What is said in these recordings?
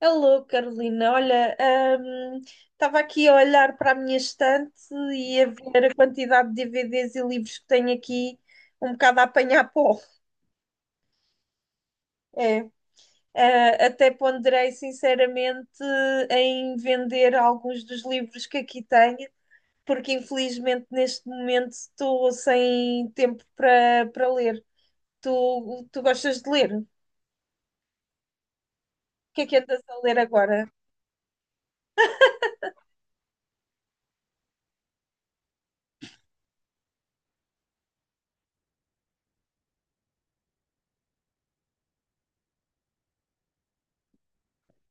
Alô, Carolina. Olha, hum, estava aqui a olhar para a minha estante e a ver a quantidade de DVDs e livros que tenho aqui, um bocado a apanhar pó. É. Ah, até ponderei sinceramente em vender alguns dos livros que aqui tenho, porque infelizmente neste momento estou sem tempo para ler. Tu, tu gostas de ler? O que é que andas a ler agora?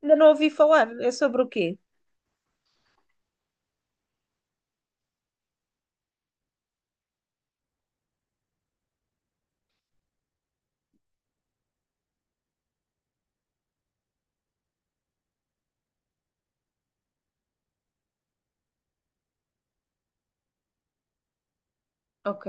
Ainda não ouvi falar. É sobre o quê? Ok.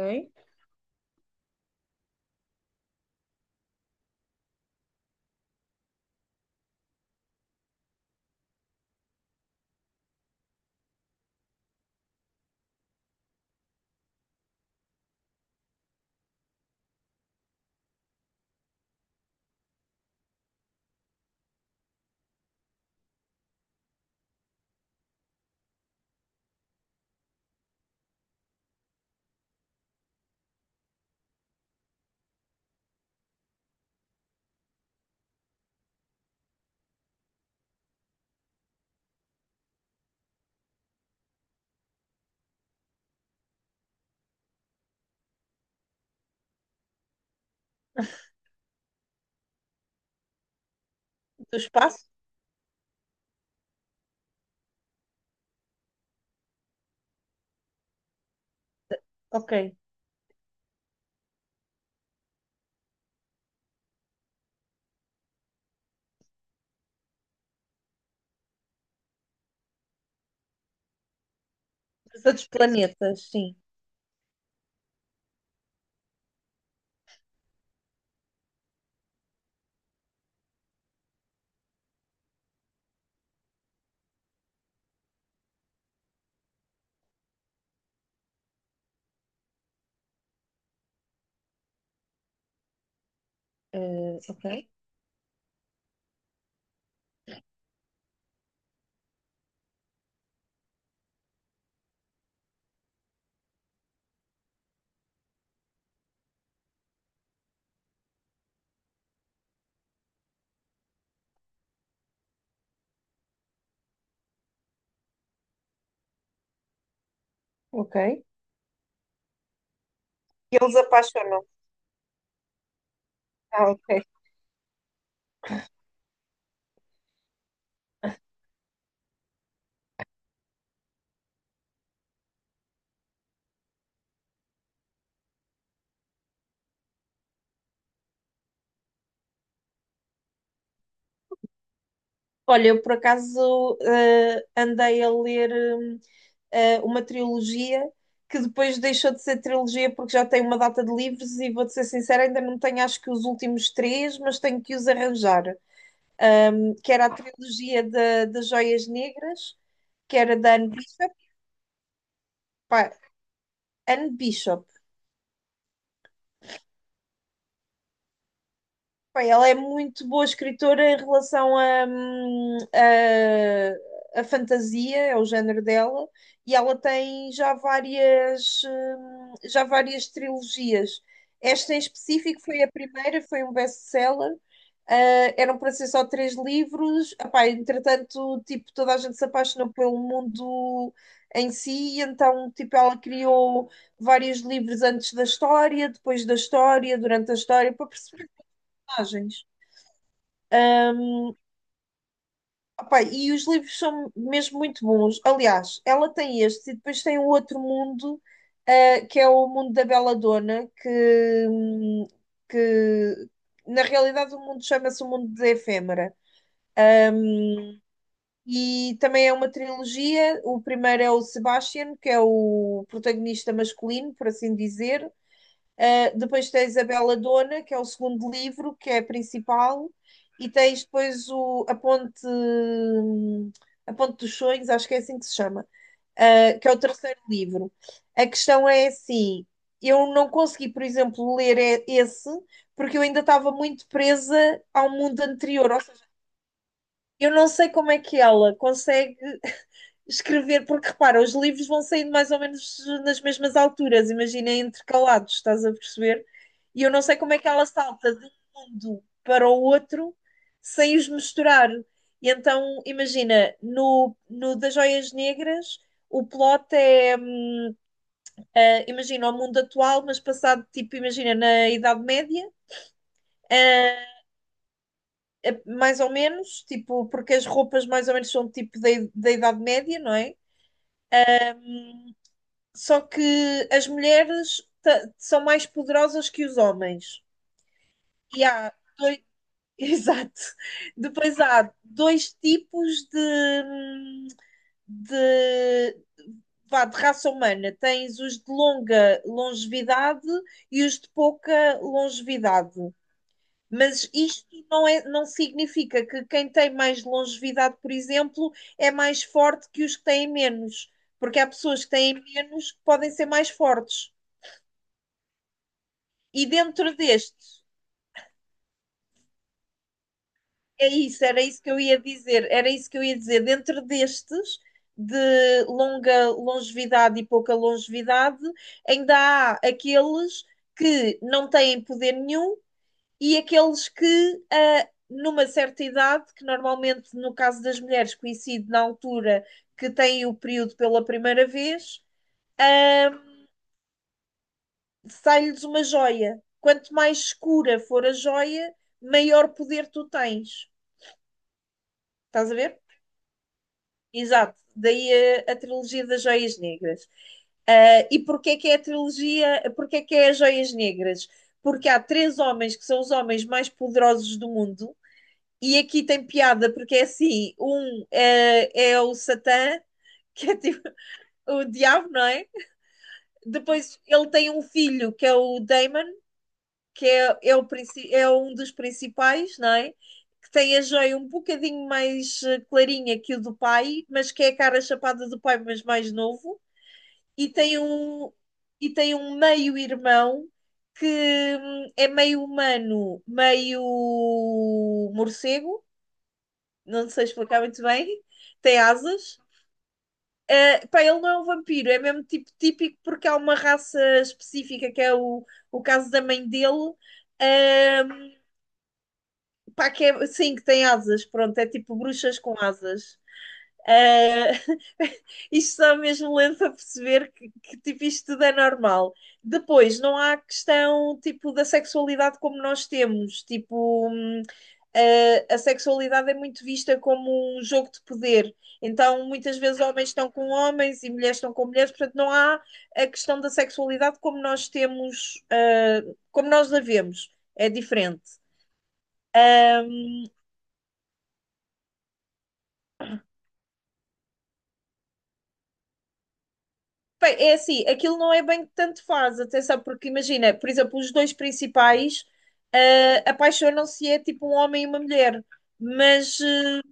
Do espaço? Ok. Dos outros planetas, sim. Ok. Ok. E eles apaixonam. Ah, ok. Olha, eu por acaso andei a ler uma trilogia que depois deixou de ser trilogia porque já tem uma data de livros e vou-te ser sincera, ainda não tenho acho que os últimos três, mas tenho que os arranjar. Que era a trilogia das Joias Negras, que era da Anne Bishop. Pá, Anne Bishop. Pá, ela é muito boa escritora em relação a fantasia, é o género dela, e ela tem já várias trilogias. Esta em específico foi a primeira, foi um best-seller. Ah, eram para ser só três livros. Epá, entretanto, tipo, toda a gente se apaixonou pelo mundo em si, e então, tipo, ela criou vários livros antes da história, depois da história, durante a história, para personagens. Epá, e os livros são mesmo muito bons. Aliás, ela tem este e depois tem o outro mundo, que é o mundo da Belladonna, que na realidade o mundo chama-se o mundo da Efêmera. E também é uma trilogia. O primeiro é o Sebastian, que é o protagonista masculino, por assim dizer. Depois tens a Bela Dona, que é o segundo livro, que é a principal. E tens depois a Ponte dos Sonhos, acho que é assim que se chama, que é o terceiro livro. A questão é assim: eu não consegui, por exemplo, ler esse, porque eu ainda estava muito presa ao mundo anterior. Ou seja, eu não sei como é que ela consegue escrever, porque repara, os livros vão saindo mais ou menos nas mesmas alturas, imagina intercalados, estás a perceber? E eu não sei como é que ela salta de um mundo para o outro sem os misturar. E então, imagina, no das Joias Negras, o plot é, imagina, o mundo atual, mas passado, tipo, imagina, na Idade Média, eh, mais ou menos, tipo, porque as roupas mais ou menos são tipo da Idade Média, não é? Só que as mulheres são mais poderosas que os homens. E há dois, exato. Depois há dois tipos de, vá, de raça humana. Tens os de longa longevidade e os de pouca longevidade. Mas isto não significa que quem tem mais longevidade, por exemplo, é mais forte que os que têm menos, porque há pessoas que têm menos que podem ser mais fortes. E dentro destes, é isso, era isso que eu ia dizer, era isso que eu ia dizer, dentro destes, de longa longevidade e pouca longevidade, ainda há aqueles que não têm poder nenhum e aqueles que, numa certa idade, que normalmente no caso das mulheres coincide na altura que têm o período pela primeira vez, ah, sai-lhes uma joia. Quanto mais escura for a joia, maior poder tu tens. Estás a ver? Exato, daí a trilogia das Joias Negras. Ah, e porquê que é a trilogia, porquê que é as Joias Negras? Porque há três homens que são os homens mais poderosos do mundo, e aqui tem piada, porque é assim: um é o Satã, que é tipo o diabo, não é? Depois ele tem um filho, que é o Damon, que é um dos principais, não é? Que tem a joia um bocadinho mais clarinha que o do pai, mas que é a cara chapada do pai, mas mais novo. E tem um, e tem um meio-irmão que é meio humano, meio morcego, não sei explicar muito bem. Tem asas. Pá, ele não é um vampiro, é mesmo tipo típico porque há uma raça específica que é o caso da mãe dele, ah, Pá, que é, sim, que tem asas, pronto, é tipo bruxas com asas. Eh, isto só mesmo lento a perceber que, tipo, isto tudo é normal. Depois, não há questão tipo da sexualidade como nós temos, tipo, a sexualidade é muito vista como um jogo de poder. Então, muitas vezes homens estão com homens e mulheres estão com mulheres, portanto, não há a questão da sexualidade como nós temos, como nós a vemos. É diferente. Bem, é assim, aquilo não é bem que tanto faz, atenção, porque imagina, por exemplo, os dois principais apaixonam-se, é tipo um homem e uma mulher, mas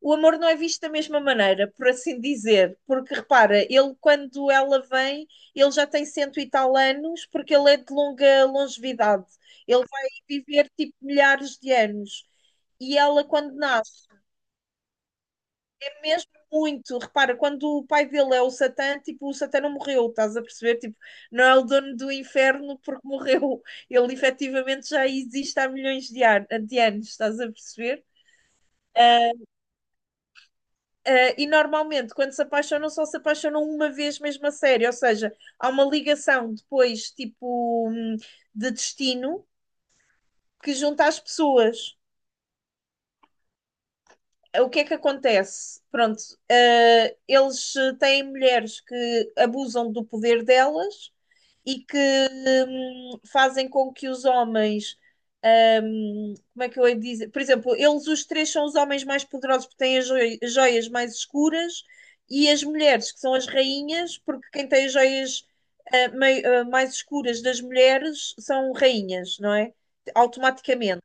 o amor não é visto da mesma maneira, por assim dizer, porque repara, ele quando ela vem, ele já tem cento e tal anos, porque ele é de longa longevidade, ele vai viver tipo milhares de anos, e ela quando nasce mesmo muito. Repara, quando o pai dele é o Satã, tipo, o Satã não morreu, estás a perceber? Tipo, não é o dono do inferno porque morreu. Ele efetivamente já existe há milhões de anos, estás a perceber? E normalmente, quando se apaixonam, só se apaixonam uma vez mesmo a sério, ou seja, há uma ligação depois, tipo, de destino que junta as pessoas. O que é que acontece? Pronto, eles têm mulheres que abusam do poder delas e que fazem com que os homens. Como é que eu ia dizer? Por exemplo, eles os três são os homens mais poderosos porque têm as joias mais escuras e as mulheres, que são as rainhas, porque quem tem as joias mais escuras das mulheres são rainhas, não é? Automaticamente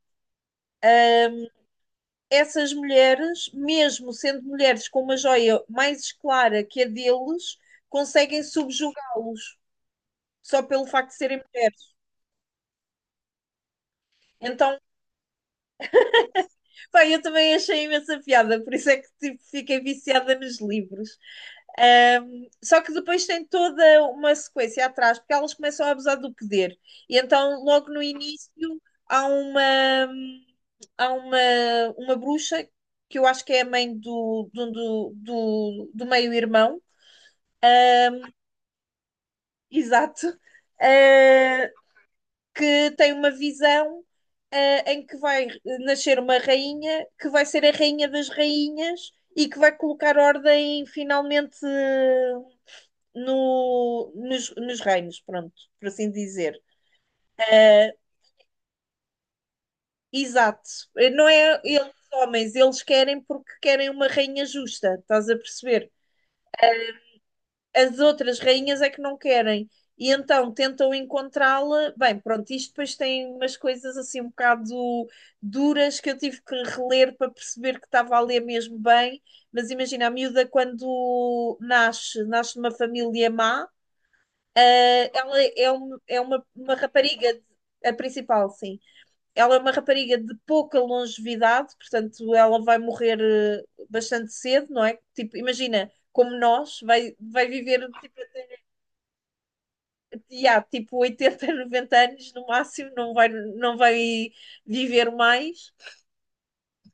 essas mulheres, mesmo sendo mulheres com uma joia mais clara que a deles, conseguem subjugá-los só pelo facto de serem mulheres. Então, pá, eu também achei imensa piada, por isso é que tipo, fiquei viciada nos livros. Só que depois tem toda uma sequência atrás, porque elas começam a abusar do poder. E então, logo no início, há uma, há uma bruxa, que eu acho que é a mãe do meio-irmão, exato, eh, que tem uma visão em que vai nascer uma rainha que vai ser a rainha das rainhas e que vai colocar ordem finalmente no, nos, nos reinos, pronto, por assim dizer. Eh, exato, não é eles homens, eles querem porque querem uma rainha justa, estás a perceber? As outras rainhas é que não querem. E então tentam encontrá-la. Bem, pronto, isto depois tem umas coisas assim um bocado duras que eu tive que reler para perceber que estava a ler mesmo bem. Mas imagina, a miúda quando nasce, nasce numa família má, ah, ela é uma rapariga, a principal, sim. Ela é uma rapariga de pouca longevidade, portanto, ela vai morrer bastante cedo, não é? Tipo, imagina, como nós, vai viver tipo, e há tipo 80, 90 anos no máximo, não vai viver mais.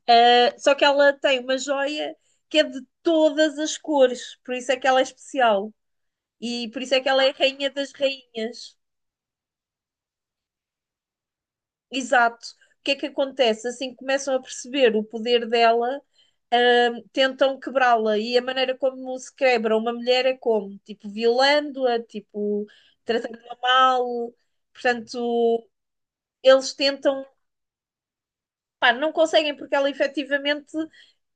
Só que ela tem uma joia que é de todas as cores, por isso é que ela é especial. E por isso é que ela é a rainha das rainhas. Exato. O que é que acontece? Assim que começam a perceber o poder dela, tentam quebrá-la. E a maneira como se quebra uma mulher é como? Tipo, violando-a, tipo, tratando-a mal. Portanto, eles tentam. Pá, não conseguem porque ela efetivamente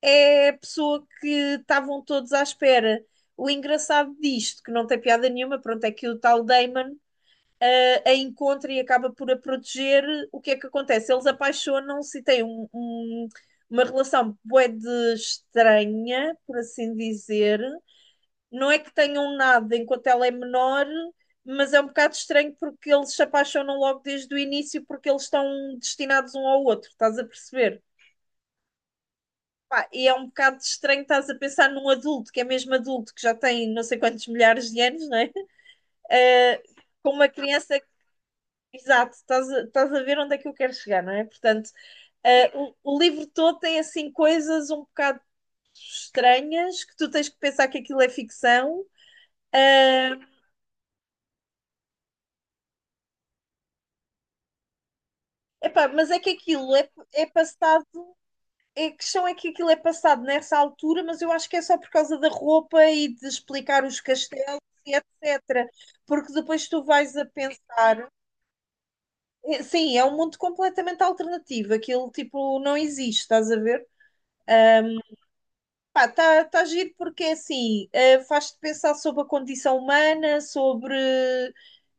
é a pessoa que estavam todos à espera. O engraçado disto, que não tem piada nenhuma, pronto, é que o tal Damon a encontra e acaba por a proteger. O que é que acontece? Eles apaixonam-se e têm uma relação bué de estranha, por assim dizer. Não é que tenham nada enquanto ela é menor, mas é um bocado estranho porque eles se apaixonam logo desde o início porque eles estão destinados um ao outro, estás a perceber? Pá, e é um bocado estranho, estás a pensar num adulto, que é mesmo adulto, que já tem não sei quantos milhares de anos, não é? Eh, com uma criança. Exato, estás a ver onde é que eu quero chegar, não é? Portanto, o livro todo tem assim coisas um bocado estranhas que tu tens que pensar que aquilo é ficção. Epá, mas é que aquilo é passado. A questão é que aquilo é passado nessa altura, mas eu acho que é só por causa da roupa e de explicar os castelos e etc. Porque depois tu vais a pensar. É, sim, é um mundo completamente alternativo. Aquilo, tipo, não existe, estás a ver? Pá, está giro porque é assim, faz-te pensar sobre a condição humana, sobre.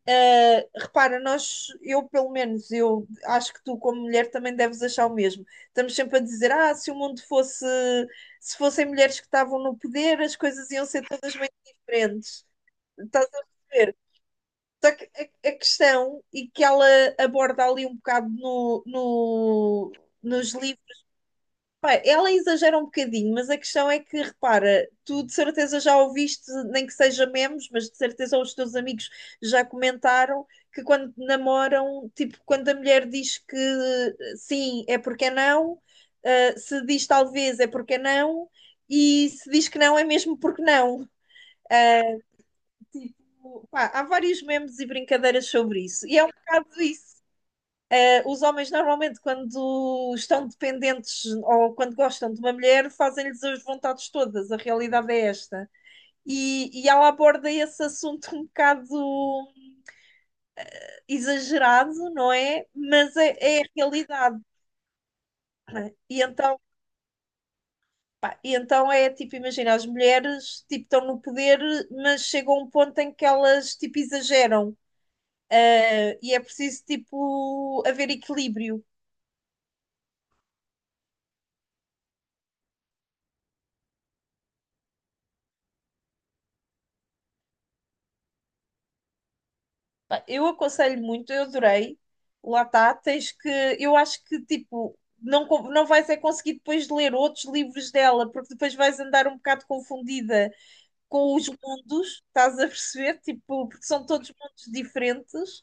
eh, Repara, nós, eu pelo menos, eu acho que tu, como mulher, também deves achar o mesmo. Estamos sempre a dizer, ah, se o mundo fosse. Se fossem mulheres que estavam no poder, as coisas iam ser todas bem diferentes. Estás a ver? Só que a questão, e que ela aborda ali um bocado nos livros, pá, ela exagera um bocadinho, mas a questão é que, repara, tu de certeza já ouviste, nem que seja memes, mas de certeza os teus amigos já comentaram que quando namoram, tipo, quando a mulher diz que sim, é porque é não, ah, se diz talvez é porque é não, e se diz que não, é mesmo porque não. Tipo, pá, há vários memes e brincadeiras sobre isso. E é um bocado isso. Os homens normalmente, quando estão dependentes ou quando gostam de uma mulher, fazem-lhes as vontades todas. A realidade é esta. E ela aborda esse assunto um bocado exagerado, não é? Mas é a realidade. E então, pá, e então é tipo, imagina, as mulheres tipo, estão no poder, mas chega um ponto em que elas tipo, exageram. Ah, e é preciso, tipo, haver equilíbrio. Pá, eu aconselho muito, eu adorei. Lá está, tens que. Eu acho que, tipo, não vais é conseguir depois ler outros livros dela, porque depois vais andar um bocado confundida com os mundos, estás a perceber? Tipo, porque são todos mundos diferentes.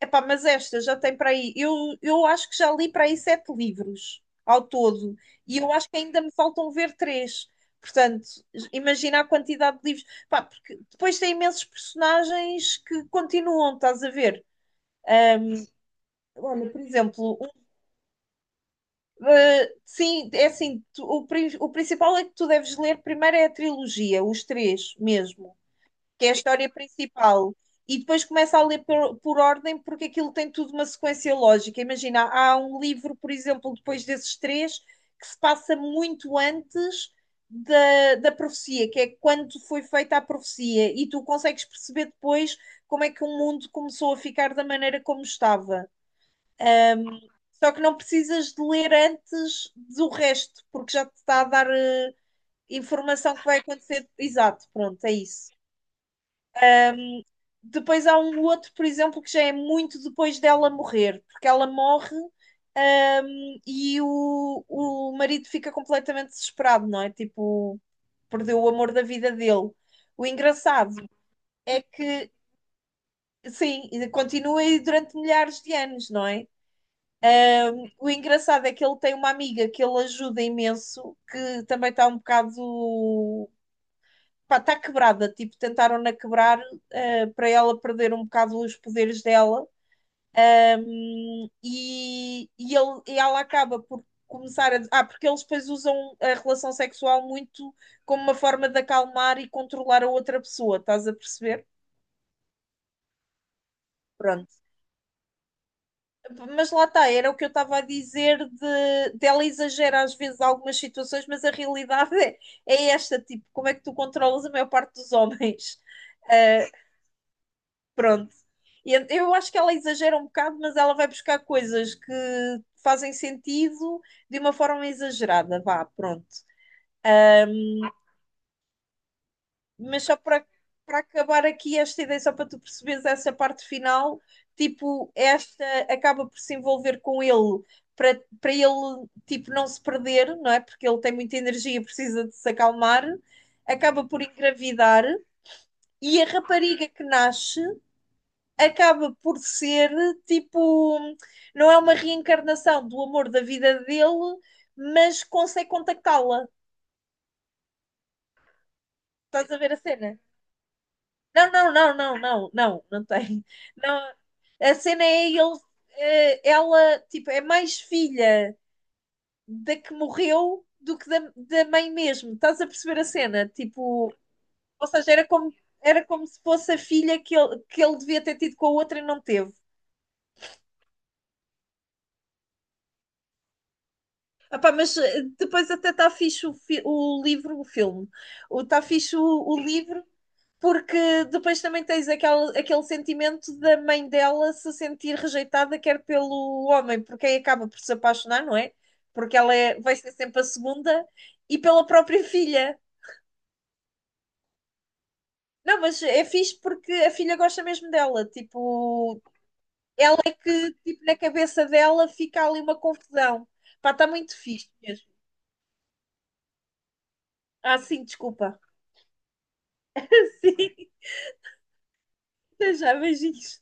Epá, mas esta já tem para aí. Eu acho que já li para aí sete livros ao todo. E eu acho que ainda me faltam ver três. Portanto, imagina a quantidade de livros. Pá, porque depois tem imensos personagens que continuam, estás a ver? Olha, por exemplo, um, sim, é assim, o principal é que tu deves ler primeiro é a trilogia, os três mesmo. Que é a história principal. E depois começa a ler por ordem, porque aquilo tem tudo uma sequência lógica. Imagina, há um livro, por exemplo, depois desses três, que se passa muito antes da profecia, que é quando foi feita a profecia, e tu consegues perceber depois como é que o mundo começou a ficar da maneira como estava. Só que não precisas de ler antes do resto, porque já te está a dar informação que vai acontecer. Exato, pronto, é isso. Depois há um outro, por exemplo, que já é muito depois dela morrer, porque ela morre e o marido fica completamente desesperado, não é? Tipo, perdeu o amor da vida dele. O engraçado é que, sim, continua aí durante milhares de anos, não é? O engraçado é que ele tem uma amiga que ele ajuda imenso, que também está um bocado. Pá, está quebrada, tipo, tentaram-na quebrar para ela perder um bocado os poderes dela. E ela acaba por começar a. Ah, porque eles depois usam a relação sexual muito como uma forma de acalmar e controlar a outra pessoa, estás a perceber? Pronto. Mas lá está, era o que eu estava a dizer de ela exagera às vezes algumas situações, mas a realidade é esta, tipo, como é que tu controlas a maior parte dos homens? Ah, pronto. Eu acho que ela exagera um bocado, mas ela vai buscar coisas que fazem sentido de uma forma exagerada, vá, pronto. Mas só para acabar aqui esta ideia, só para tu perceberes essa parte final, tipo, esta acaba por se envolver com ele para ele, tipo, não se perder, não é? Porque ele tem muita energia, precisa de se acalmar, acaba por engravidar e a rapariga que nasce acaba por ser tipo, não é uma reencarnação do amor da vida dele, mas consegue contactá-la. Estás a ver a cena? Não, não, não, não, não, não, não tem. Não, a cena é ele, ela, tipo, é mais filha da que morreu do que da mãe mesmo. Estás a perceber a cena? Tipo, ou seja, era como se fosse a filha que ele devia ter tido com a outra e não teve. Epá, mas depois até está fixe o livro, o filme. Está fixe o livro, porque depois também tens aquele, aquele sentimento da mãe dela se sentir rejeitada, quer pelo homem, por quem acaba por se apaixonar, não é? Porque ela é, vai ser sempre a segunda, e pela própria filha. Não, mas é fixe porque a filha gosta mesmo dela. Tipo, ela é que, tipo, na cabeça dela fica ali uma confusão. Pá, está muito fixe mesmo. Ah, sim, desculpa. Sim. Até já, beijinhos.